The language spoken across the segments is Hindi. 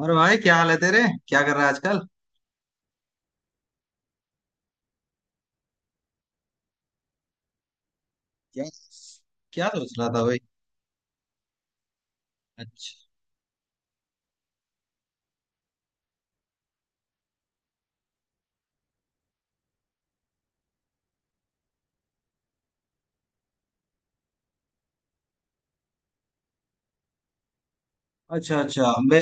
और भाई क्या हाल है तेरे? क्या कर रहा है आजकल? क्या? क्या सोच रहा था भाई? अच्छा अच्छा। अच्छा मैं।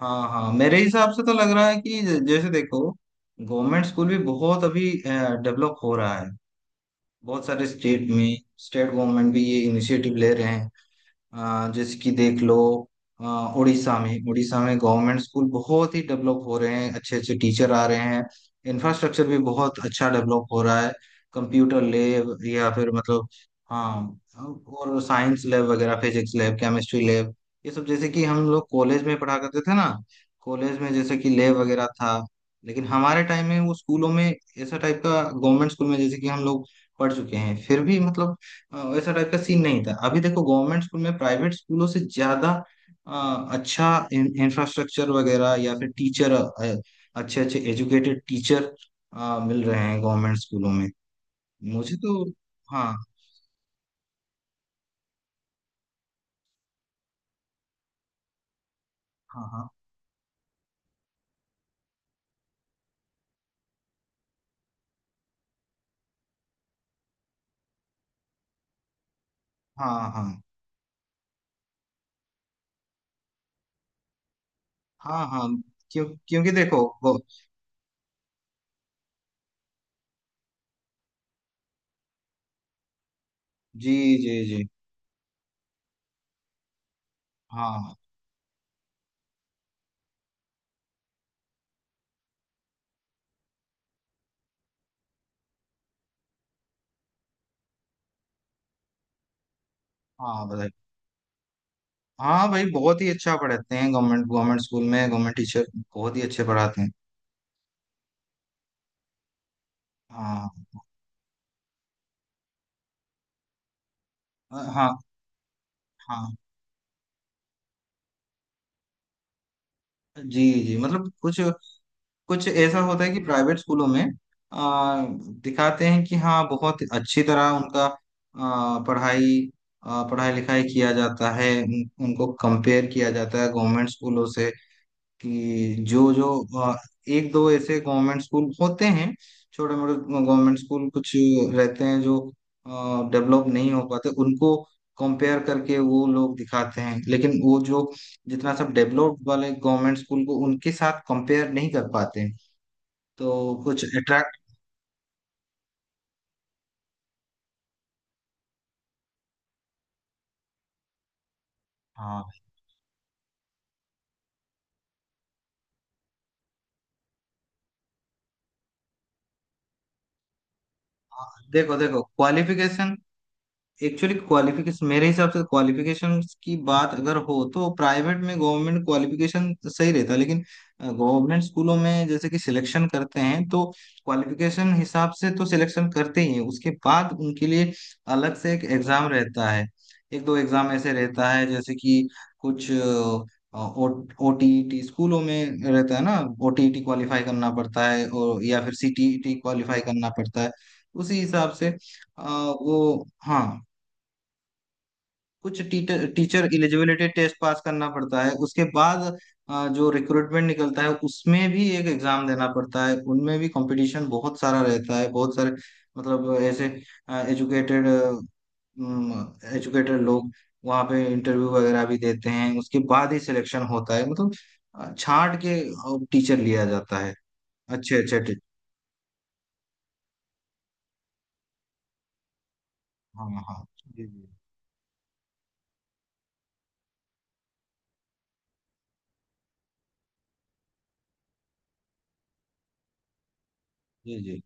हाँ हाँ, मेरे हिसाब से तो लग रहा है कि जैसे देखो, गवर्नमेंट स्कूल भी बहुत अभी डेवलप हो रहा है बहुत सारे स्टेट में। स्टेट गवर्नमेंट भी ये इनिशिएटिव ले रहे हैं। जैसे कि देख लो, अ, उड़ीसा में गवर्नमेंट स्कूल बहुत ही डेवलप हो रहे हैं। अच्छे अच्छे टीचर आ रहे हैं। इंफ्रास्ट्रक्चर भी बहुत अच्छा डेवलप हो रहा है। कंप्यूटर लैब या फिर मतलब, हाँ, और साइंस लैब वगैरह, फिजिक्स लैब, केमिस्ट्री लैब, ये सब जैसे कि हम लोग कॉलेज में पढ़ा करते थे ना। कॉलेज में जैसे कि लैब वगैरह था। लेकिन हमारे टाइम में वो स्कूलों में ऐसा टाइप का, गवर्नमेंट स्कूल में जैसे कि हम लोग पढ़ चुके हैं, फिर भी मतलब वैसा टाइप का सीन नहीं था। अभी देखो गवर्नमेंट स्कूल में प्राइवेट स्कूलों से ज्यादा अच्छा इंफ्रास्ट्रक्चर वगैरह या फिर टीचर, अच्छे अच्छे एजुकेटेड टीचर मिल रहे हैं गवर्नमेंट स्कूलों में। मुझे तो हाँ। हाँ हाँ। हाँ हाँ हाँ हाँ। क्यों? क्योंकि देखो जी। जी जी। हाँ हाँ, बताइए। हाँ भाई, बहुत ही अच्छा पढ़ाते हैं। गवर्नमेंट गवर्नमेंट स्कूल में गवर्नमेंट टीचर बहुत ही अच्छे पढ़ाते हैं। हाँ। हाँ। हाँ। जी जी, मतलब कुछ, कुछ ऐसा होता है कि प्राइवेट स्कूलों में आ, दिखाते हैं कि हाँ बहुत अच्छी तरह उनका पढ़ाई पढ़ाई लिखाई किया जाता है। उनको कंपेयर किया जाता है गवर्नमेंट स्कूलों से कि जो जो आ, एक दो ऐसे गवर्नमेंट स्कूल होते हैं, छोटे मोटे गवर्नमेंट स्कूल कुछ रहते हैं जो डेवलप नहीं हो पाते, उनको कंपेयर करके वो लोग दिखाते हैं। लेकिन वो जो जितना सब डेवलप्ड वाले गवर्नमेंट स्कूल को उनके साथ कंपेयर नहीं कर पाते हैं, तो कुछ अट्रैक्ट। हाँ हाँ, देखो देखो क्वालिफिकेशन, एक्चुअली क्वालिफिकेशन मेरे हिसाब से क्वालिफिकेशन की बात अगर हो तो प्राइवेट में गवर्नमेंट क्वालिफिकेशन सही रहता है। लेकिन गवर्नमेंट स्कूलों में जैसे कि सिलेक्शन करते हैं तो क्वालिफिकेशन हिसाब से तो सिलेक्शन करते ही हैं। उसके बाद उनके लिए अलग से एक एग्जाम रहता है। एक दो एग्जाम ऐसे रहता है, जैसे कि कुछ ओटीईटी स्कूलों में रहता है ना, ओटीईटी क्वालिफाई करना पड़ता है और या फिर सीटीईटी क्वालिफाई करना पड़ता है। उसी हिसाब से वो हाँ, कुछ teacher, teacher eligibility test pass करना पड़ता है। उसके बाद जो रिक्रूटमेंट निकलता है उसमें भी एक एग्जाम देना पड़ता है। उनमें भी कंपटीशन बहुत सारा रहता है। बहुत सारे मतलब ऐसे एजुकेटेड, एजुकेटेड लोग वहाँ पे इंटरव्यू वगैरह भी देते हैं। उसके बाद ही सिलेक्शन होता है, मतलब छांट के टीचर लिया जाता है। अच्छे अच्छे टीचर। हाँ हाँ। जी जी। जी जी।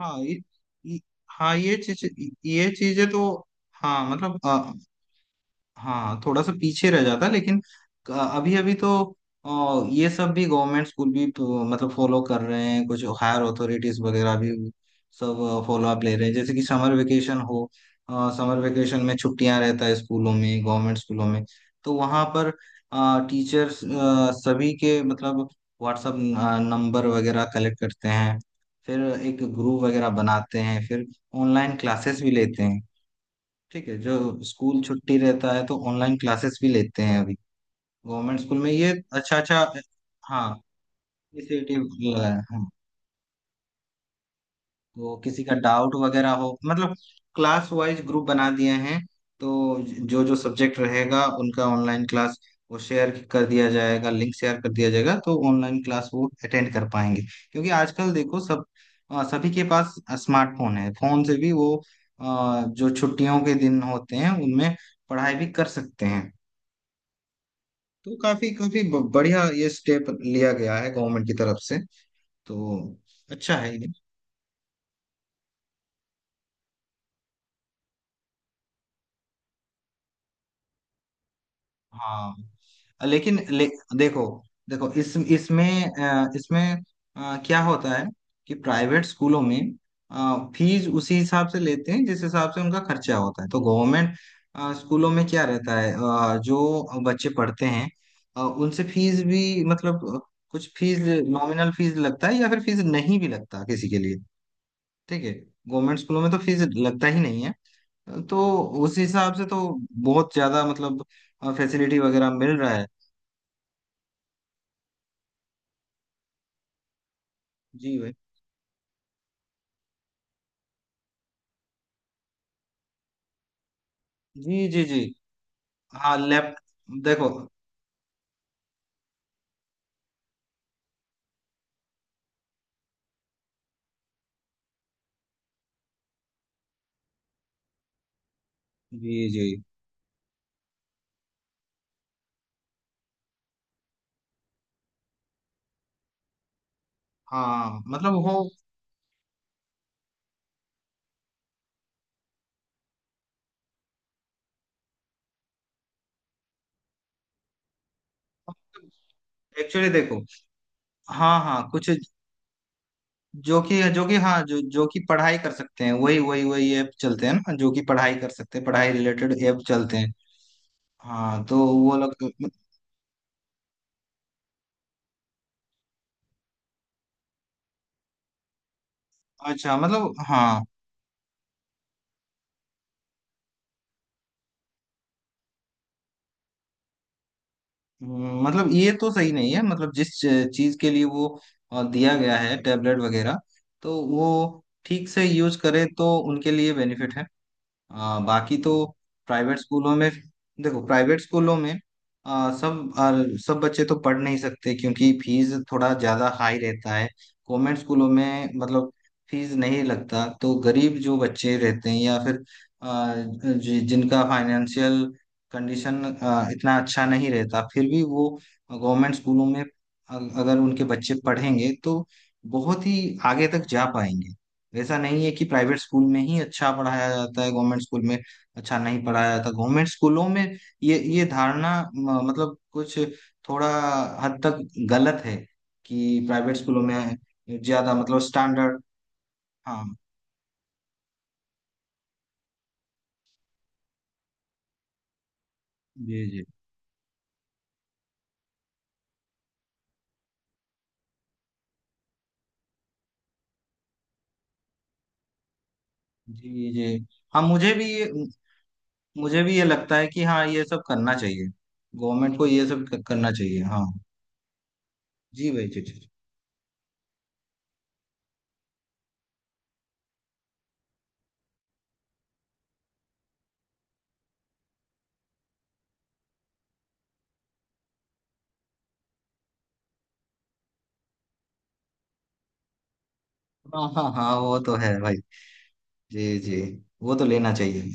हाँ ये, ये- हाँ ये चीज, ये चीजें तो, हाँ मतलब, हाँ थोड़ा सा पीछे रह जाता है। लेकिन अभी अभी तो ये सब भी गवर्नमेंट स्कूल भी तो, मतलब फॉलो कर रहे हैं। कुछ हायर अथॉरिटीज वगैरह भी सब फॉलो अप ले रहे हैं। जैसे कि समर वेकेशन हो, समर वेकेशन में छुट्टियां रहता है स्कूलों में, गवर्नमेंट स्कूलों में, तो वहां पर टीचर्स सभी के मतलब व्हाट्सअप नंबर वगैरह कलेक्ट करते हैं। फिर एक ग्रुप वगैरह बनाते हैं। फिर ऑनलाइन क्लासेस भी लेते हैं। ठीक है, जो स्कूल छुट्टी रहता है तो ऑनलाइन क्लासेस भी लेते हैं अभी गवर्नमेंट स्कूल में। ये अच्छा, अच्छा, हाँ, इनिशिएटिव लगाया है हाँ। तो किसी का डाउट वगैरह हो मतलब, क्लास वाइज ग्रुप बना दिए हैं, तो जो जो सब्जेक्ट रहेगा उनका ऑनलाइन क्लास वो शेयर कर दिया जाएगा, लिंक शेयर कर दिया जाएगा। तो ऑनलाइन क्लास वो अटेंड कर पाएंगे क्योंकि आजकल देखो सब सभी के पास स्मार्टफोन है। फोन से भी वो जो छुट्टियों के दिन होते हैं उनमें पढ़ाई भी कर सकते हैं। तो काफी काफी बढ़िया ये स्टेप लिया गया है गवर्नमेंट की तरफ से। तो अच्छा है ये। हाँ लेकिन देखो, देखो इस, इसमें इसमें क्या होता है कि प्राइवेट स्कूलों में फीस उसी हिसाब से लेते हैं जिस हिसाब से उनका खर्चा होता है। तो गवर्नमेंट स्कूलों में क्या रहता है, जो बच्चे पढ़ते हैं उनसे फीस भी मतलब कुछ फीस, नॉमिनल फीस लगता है या फिर फीस नहीं भी लगता किसी के लिए। ठीक है, गवर्नमेंट स्कूलों में तो फीस लगता ही नहीं है। तो उस हिसाब से तो बहुत ज्यादा मतलब फैसिलिटी वगैरह मिल रहा है। जी भाई जी जी जी। हाँ लैप, देखो। जी जी। हाँ मतलब वो, एक्चुअली देखो। हाँ हाँ, कुछ जो कि, जो कि हाँ जो, जो कि पढ़ाई कर सकते हैं वही वही वही ऐप चलते हैं ना, जो कि पढ़ाई कर सकते हैं, पढ़ाई रिलेटेड ऐप चलते हैं। हाँ तो वो लोग, अच्छा, मतलब हाँ, मतलब ये तो सही नहीं है। मतलब जिस चीज के लिए वो दिया गया है टेबलेट वगैरह, तो वो ठीक से यूज करें तो उनके लिए बेनिफिट है। बाकी तो प्राइवेट स्कूलों में, देखो प्राइवेट स्कूलों में सब सब बच्चे तो पढ़ नहीं सकते क्योंकि फीस थोड़ा ज़्यादा हाई रहता है। कॉन्वेंट स्कूलों में मतलब फीस नहीं लगता, तो गरीब जो बच्चे रहते हैं या फिर जिनका फाइनेंशियल कंडीशन इतना अच्छा नहीं रहता, फिर भी वो गवर्नमेंट स्कूलों में अगर उनके बच्चे पढ़ेंगे तो बहुत ही आगे तक जा पाएंगे। ऐसा नहीं है कि प्राइवेट स्कूल में ही अच्छा पढ़ाया जाता है, गवर्नमेंट स्कूल में अच्छा नहीं पढ़ाया जाता। गवर्नमेंट स्कूलों में ये धारणा मतलब कुछ थोड़ा हद तक गलत है कि प्राइवेट स्कूलों में ज्यादा मतलब स्टैंडर्ड। हाँ। जी जी। जी जी। हाँ मुझे भी ये, मुझे भी ये लगता है कि हाँ ये सब करना चाहिए। गवर्नमेंट को ये सब करना चाहिए हाँ। जी भाई जी जी। हाँ हाँ हाँ, वो तो है भाई। जी जी, वो तो लेना चाहिए।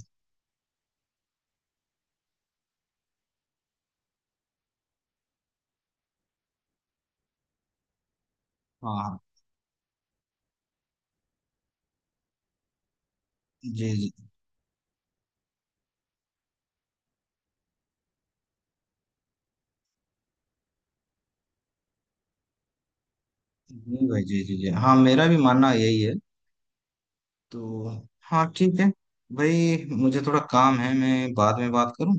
हाँ हाँ, जी जी। जी भाई जी जी जी, हाँ मेरा भी मानना यही है। तो हाँ ठीक है भाई, मुझे थोड़ा काम है, मैं बाद में बात करूँ।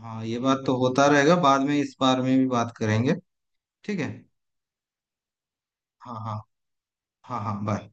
हाँ ये बात तो होता रहेगा, बाद में इस बारे में भी बात करेंगे। ठीक है। हाँ हाँ। हाँ हाँ बाय।